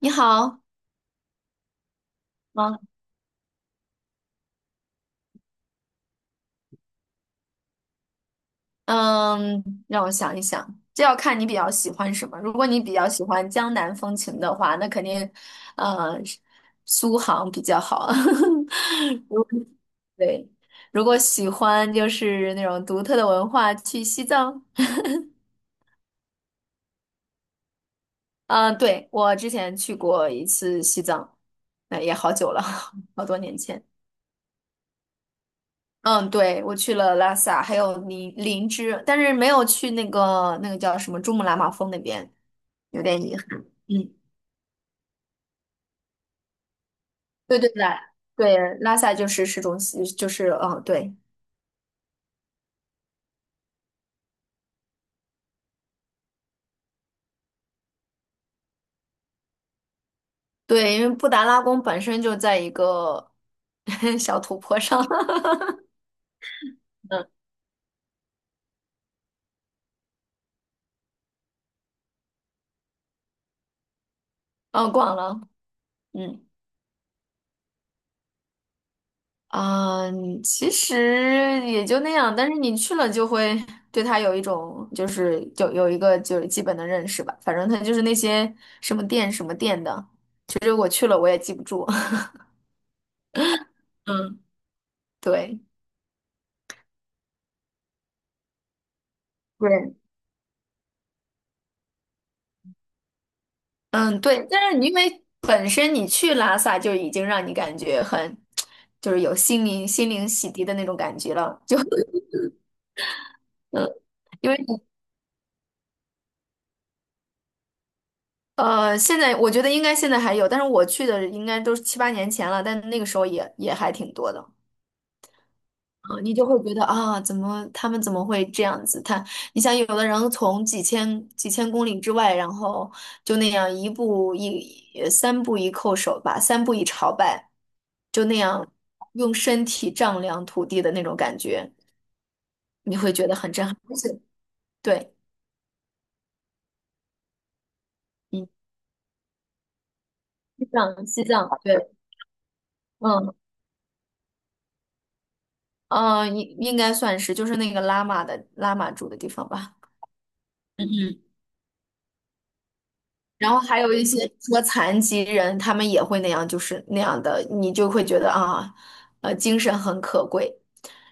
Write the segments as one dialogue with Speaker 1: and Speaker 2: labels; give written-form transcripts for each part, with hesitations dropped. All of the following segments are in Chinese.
Speaker 1: 你好，忙，嗯，让我想一想，这要看你比较喜欢什么。如果你比较喜欢江南风情的话，那肯定，嗯，苏杭比较好。如对，如果喜欢就是那种独特的文化，去西藏。嗯、对，我之前去过一次西藏，那也好久了，好多年前。嗯，对，我去了拉萨，还有林芝，但是没有去那个叫什么珠穆朗玛峰那边。有点遗憾。嗯，对对对对，拉萨就是市中心，就是哦，对对，因为布达拉宫本身就在一个 小土坡上，嗯，嗯，逛了，嗯嗯，其实也就那样，但是你去了就会对它有一种就是有一个就是基本的认识吧，反正它就是那些什么店什么店的，其实我去了我也记不住，嗯，对。对，嗯，对，但是你因为本身你去拉萨就已经让你感觉很，就是有心灵洗涤的那种感觉了，就嗯，因为现在我觉得应该现在还有，但是我去的应该都是七八年前了，但那个时候也还挺多的。啊，你就会觉得啊，怎么他们怎么会这样子？你想，有的人从几千几千公里之外，然后就那样一步一呃三步一叩首吧，三步一朝拜，就那样用身体丈量土地的那种感觉，你会觉得很震撼。而且对，嗯，西藏，西藏，对，嗯，应该算是就是那个拉玛住的地方吧。嗯。然后还有一些说残疾人，他们也会那样，就是那样的，你就会觉得啊，精神很可贵。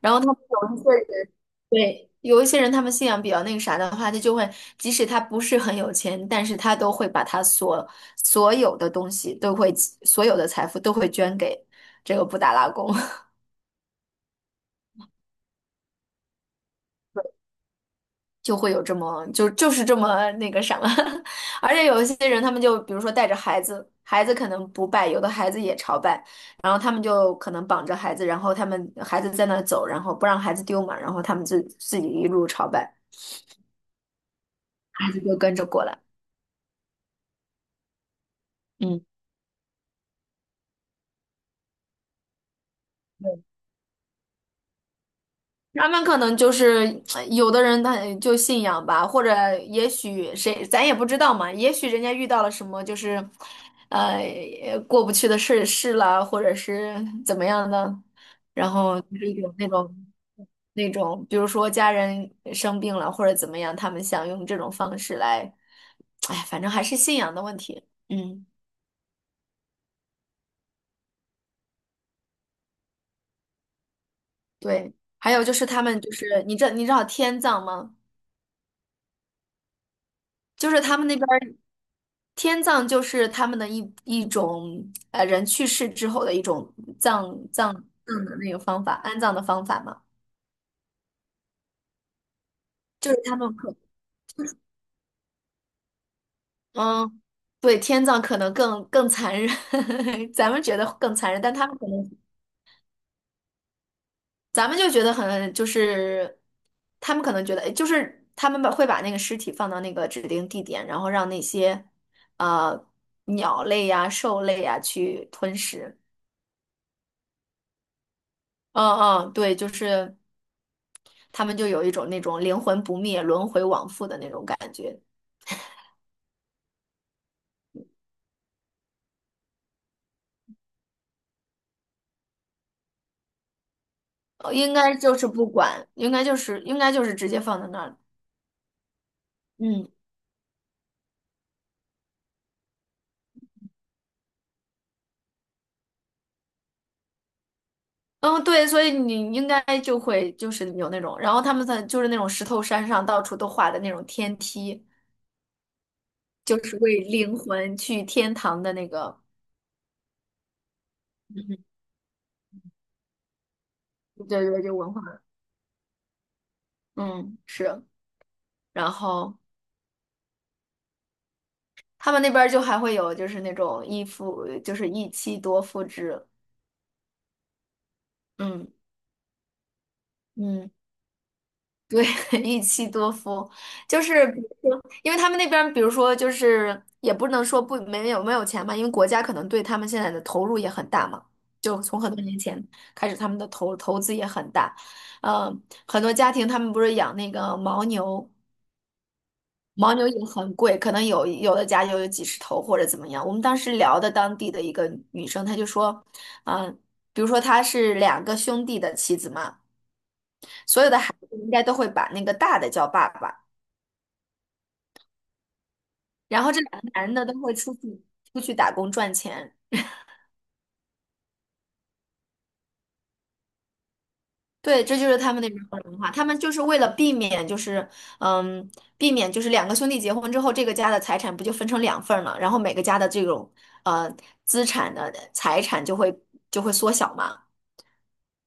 Speaker 1: 然后他们有一些人，对，有一些人，他们信仰比较那个啥的话，他就会，即使他不是很有钱，但是他都会把他所有的东西都会，所有的财富都会捐给这个布达拉宫。就会有这么就是这么那个啥了，而且有一些人他们就比如说带着孩子，孩子可能不拜，有的孩子也朝拜，然后他们就可能绑着孩子，然后他们孩子在那走，然后不让孩子丢嘛，然后他们自己一路朝拜，孩子就跟着过来。嗯。他们可能就是有的人他就信仰吧，或者也许谁咱也不知道嘛，也许人家遇到了什么就是，呃，过不去的事了，或者是怎么样的，然后就是有那种，比如说家人生病了或者怎么样，他们想用这种方式来，哎，反正还是信仰的问题。嗯，对。还有就是他们就是你知道天葬吗？就是他们那边。天葬就是他们的一种人去世之后的一种葬葬的那个方法，安葬的方法嘛，就是他们可嗯，对，天葬可能更残忍，咱们觉得更残忍，但他们可能咱们就觉得很就是他们可能觉得就是他们会把那个尸体放到那个指定地点，然后让那些呃鸟类呀、兽类呀去吞食。嗯嗯，对，就是。他们就有一种那种灵魂不灭、轮回往复的那种感觉。应该就是不管，应该就是直接放在那儿。嗯嗯，对，所以你应该就会就是有那种，然后他们在就是那种石头山上到处都画的那种天梯，就是为灵魂去天堂的那个，对对对，就文化，嗯，是。然后他们那边儿就还会有就是那种就是一妻多夫制，嗯嗯。对，一妻多夫，就是比如说，因为他们那边，比如说，就是也不能说不没有没有钱嘛，因为国家可能对他们现在的投入也很大嘛，就从很多年前开始，他们的投资也很大，嗯，很多家庭他们不是养那个牦牛，牦牛也很贵，可能有的家就有几十头或者怎么样。我们当时聊的当地的一个女生，她就说，嗯，比如说她是两个兄弟的妻子嘛，所有的孩子应该都会把那个大的叫爸爸。然后这两个男的都会出去打工赚钱。对，这就是他们那边的文化，他们就是为了避免，就是嗯，避免就是两个兄弟结婚之后，这个家的财产不就分成两份儿了，然后每个家的这种呃资产的财产就会缩小嘛。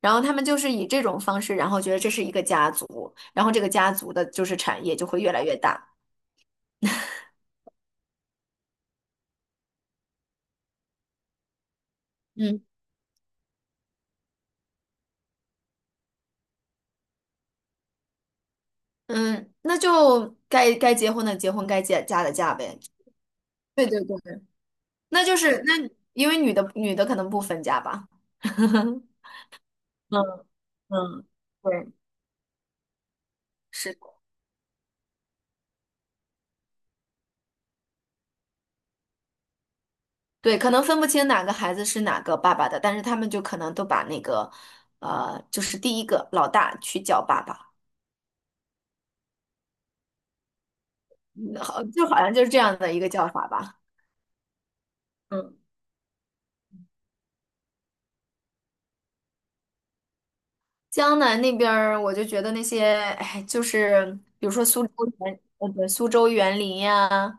Speaker 1: 然后他们就是以这种方式，然后觉得这是一个家族，然后这个家族的就是产业就会越来越大。嗯嗯，那就该结婚的结婚，该嫁的嫁呗。对对对。那就是那因为女的可能不分家吧。嗯嗯，对，是的，对，可能分不清哪个孩子是哪个爸爸的，但是他们就可能都把那个，就是第一个老大去叫爸爸，嗯好，就好像就是这样的一个叫法吧。嗯，江南那边儿，我就觉得那些，哎，就是比如说苏州园，呃，对，苏州园林呀，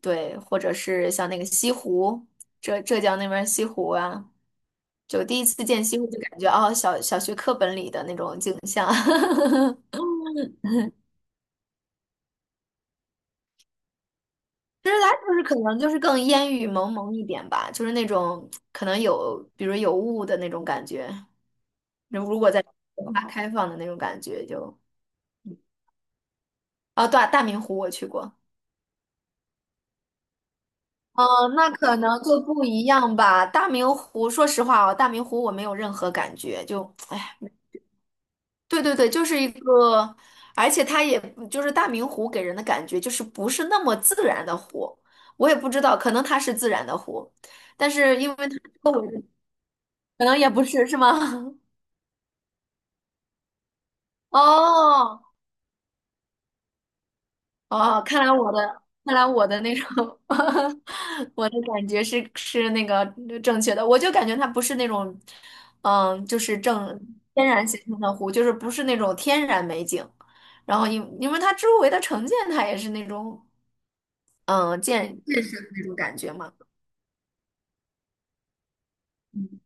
Speaker 1: 对，或者是像那个西湖，浙江那边儿西湖啊。就第一次见西湖，就感觉哦，小学课本里的那种景象。其实它就是可能就是更烟雨蒙蒙一点吧，就是那种可能有，比如有雾的那种感觉。如果在文化开放的那种感觉就，哦，对啊大明湖我去过。嗯，那可能就不一样吧。大明湖，说实话哦，大明湖我没有任何感觉，就，哎，对对对，就是一个，而且它也就是大明湖给人的感觉就是不是那么自然的湖，我也不知道，可能它是自然的湖，但是因为它周围的可能也不是，是吗？哦哦，看来我的那种 我的感觉是那个正确的，我就感觉它不是那种，就是天然形成的湖，就是不是那种天然美景，然后因为它周围的城建它也是那种。嗯，见那种感觉嘛。嗯，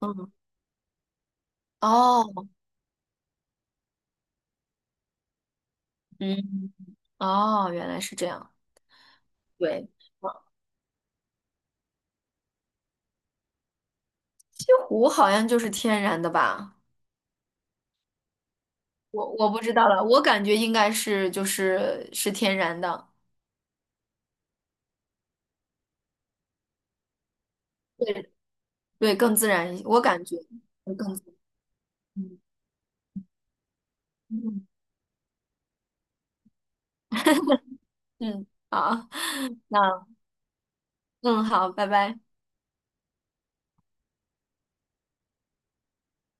Speaker 1: 嗯，哦，嗯，哦，原来是这样。对，哦西湖好像就是天然的吧？我不知道了，我感觉应该是就是是天然的，对对，更自然一些，我感觉更自然。嗯嗯，嗯好，那嗯好，拜拜。